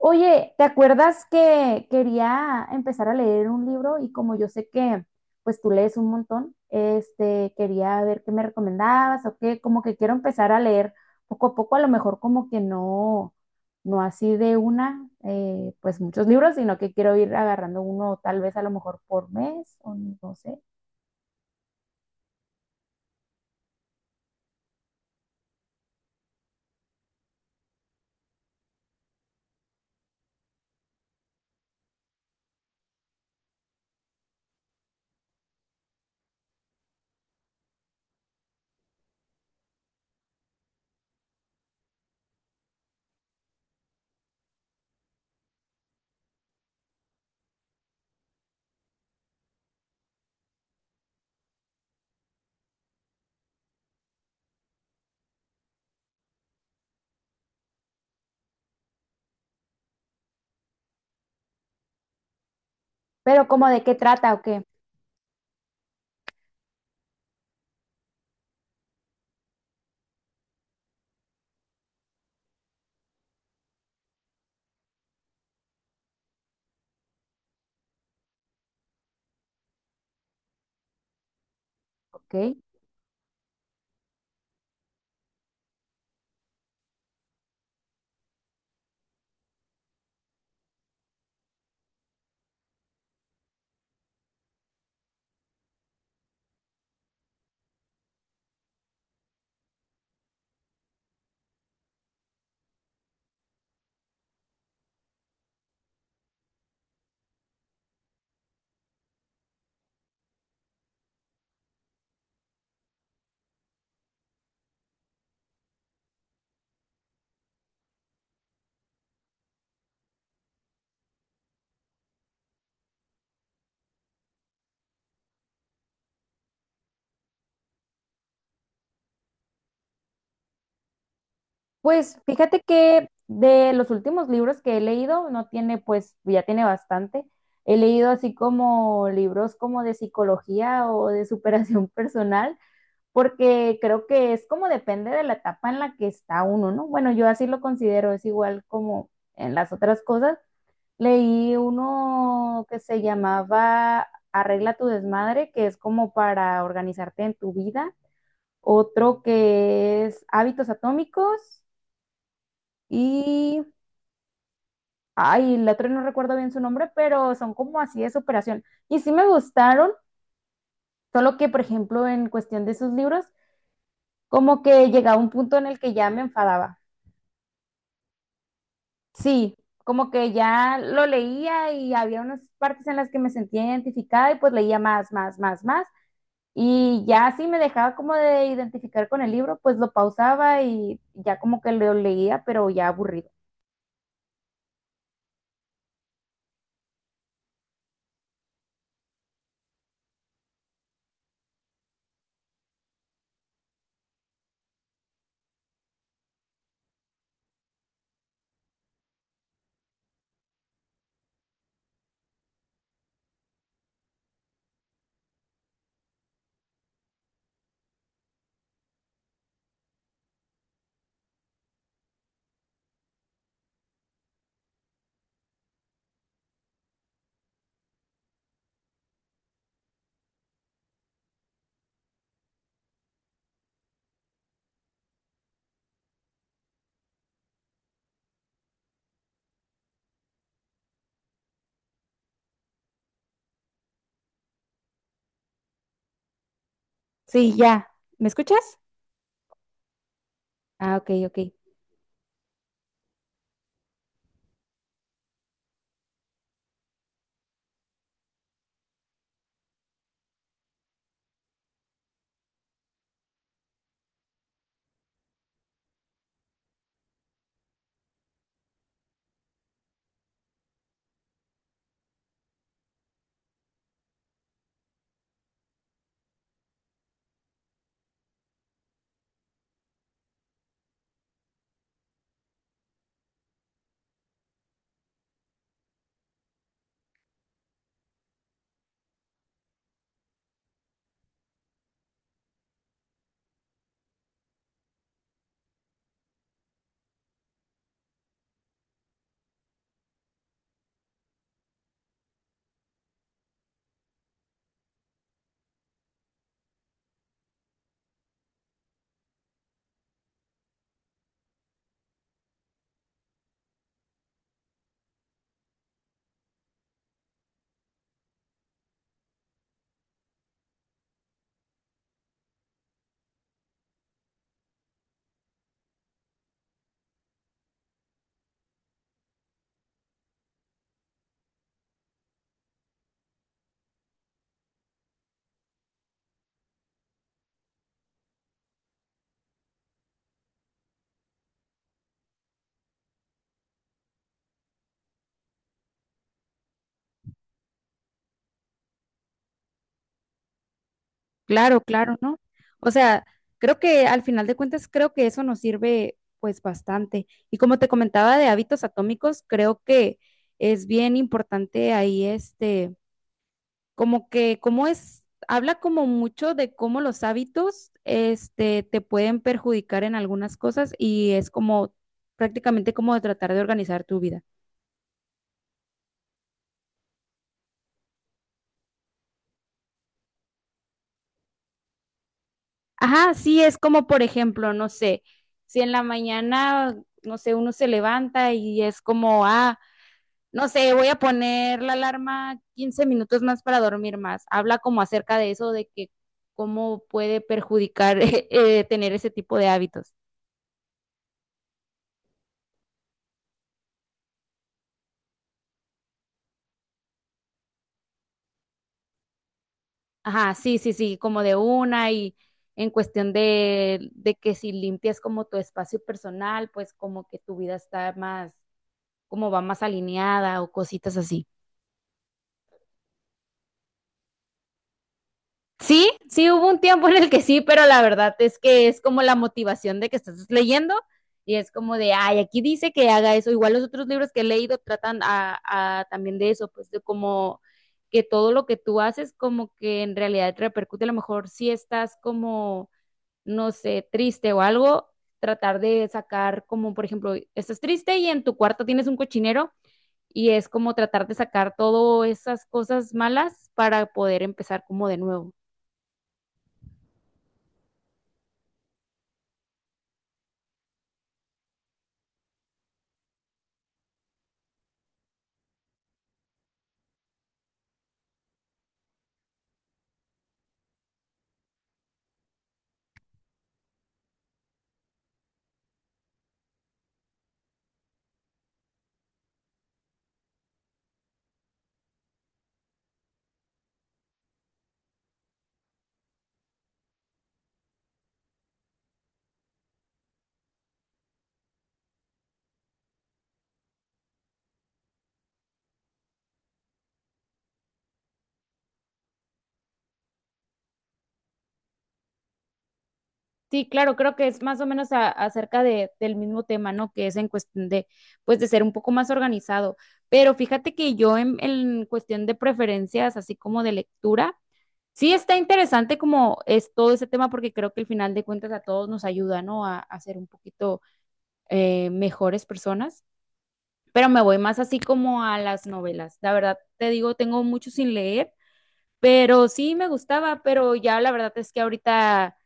Oye, ¿te acuerdas que quería empezar a leer un libro y como yo sé que pues tú lees un montón, quería ver qué me recomendabas o qué, como que quiero empezar a leer poco a poco, a lo mejor como que no, no así de una, pues muchos libros, sino que quiero ir agarrando uno tal vez a lo mejor por mes o no sé, pero como de qué trata o qué, ok. Pues fíjate que de los últimos libros que he leído, no tiene, pues ya tiene bastante. He leído así como libros como de psicología o de superación personal, porque creo que es como depende de la etapa en la que está uno, ¿no? Bueno, yo así lo considero, es igual como en las otras cosas. Leí uno que se llamaba Arregla tu desmadre, que es como para organizarte en tu vida. Otro que es Hábitos Atómicos y, ay, la otra no recuerdo bien su nombre, pero son como así de superación. Y sí me gustaron, solo que, por ejemplo, en cuestión de sus libros, como que llegaba un punto en el que ya me enfadaba. Sí, como que ya lo leía y había unas partes en las que me sentía identificada y pues leía más. Y ya así me dejaba como de identificar con el libro, pues lo pausaba y ya como que lo leía, pero ya aburrido. Sí, ya. ¿Me escuchas? Ah, ok, ok. Claro, claro, ¿no? O sea, creo que al final de cuentas, creo que eso nos sirve pues bastante. Y como te comentaba de hábitos atómicos, creo que es bien importante ahí como que, como es, habla como mucho de cómo los hábitos te pueden perjudicar en algunas cosas y es como prácticamente como de tratar de organizar tu vida. Ajá, sí, es como por ejemplo, no sé, si en la mañana, no sé, uno se levanta y es como, ah, no sé, voy a poner la alarma 15 minutos más para dormir más. Habla como acerca de eso, de que cómo puede perjudicar tener ese tipo de hábitos. Ajá, sí, sí, sí, como de una y en cuestión de que si limpias como tu espacio personal, pues como que tu vida está más, como va más alineada o cositas así. Sí, sí hubo un tiempo en el que sí, pero la verdad es que es como la motivación de que estás leyendo y es como de, ay, aquí dice que haga eso. Igual los otros libros que he leído tratan a también de eso, pues de como que todo lo que tú haces como que en realidad te repercute, a lo mejor si estás como, no sé, triste o algo, tratar de sacar como, por ejemplo, estás triste y en tu cuarto tienes un cochinero y es como tratar de sacar todas esas cosas malas para poder empezar como de nuevo. Sí, claro, creo que es más o menos acerca de, del mismo tema, ¿no? Que es en cuestión de, pues, de ser un poco más organizado. Pero fíjate que yo en cuestión de preferencias, así como de lectura, sí está interesante como es todo ese tema, porque creo que al final de cuentas a todos nos ayuda, ¿no? A ser un poquito mejores personas. Pero me voy más así como a las novelas. La verdad, te digo, tengo mucho sin leer. Pero sí me gustaba, pero ya la verdad es que ahorita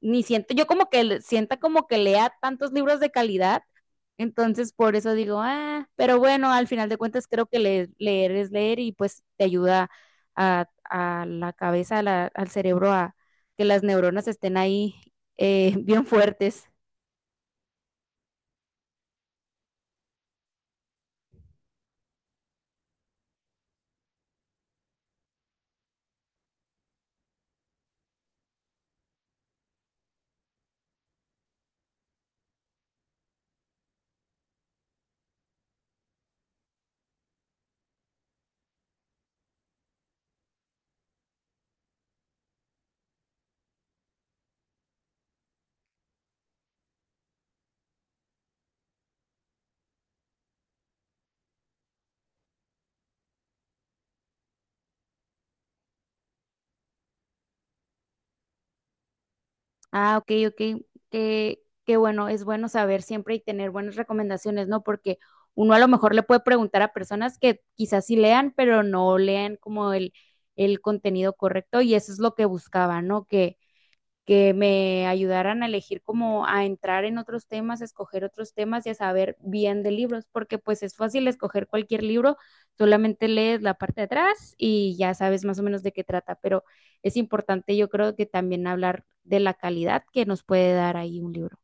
ni siento, yo como que sienta como que lea tantos libros de calidad, entonces por eso digo, ah, pero bueno, al final de cuentas creo que leer, leer es leer y pues te ayuda a la cabeza, al cerebro, a que las neuronas estén ahí bien fuertes. Ah, ok, ok. Qué, qué bueno, es bueno saber siempre y tener buenas recomendaciones, ¿no? Porque uno a lo mejor le puede preguntar a personas que quizás sí lean, pero no lean como el contenido correcto y eso es lo que buscaba, ¿no? Que me ayudaran a elegir como a entrar en otros temas, a escoger otros temas y a saber bien de libros, porque pues es fácil escoger cualquier libro, solamente lees la parte de atrás y ya sabes más o menos de qué trata, pero es importante yo creo que también hablar de la calidad que nos puede dar ahí un libro.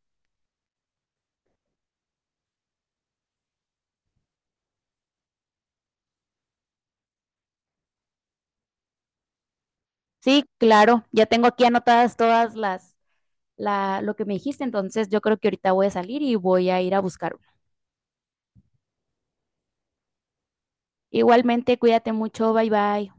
Sí, claro, ya tengo aquí anotadas todas las, la, lo que me dijiste, entonces yo creo que ahorita voy a salir y voy a ir a buscar uno. Igualmente, cuídate mucho, bye bye.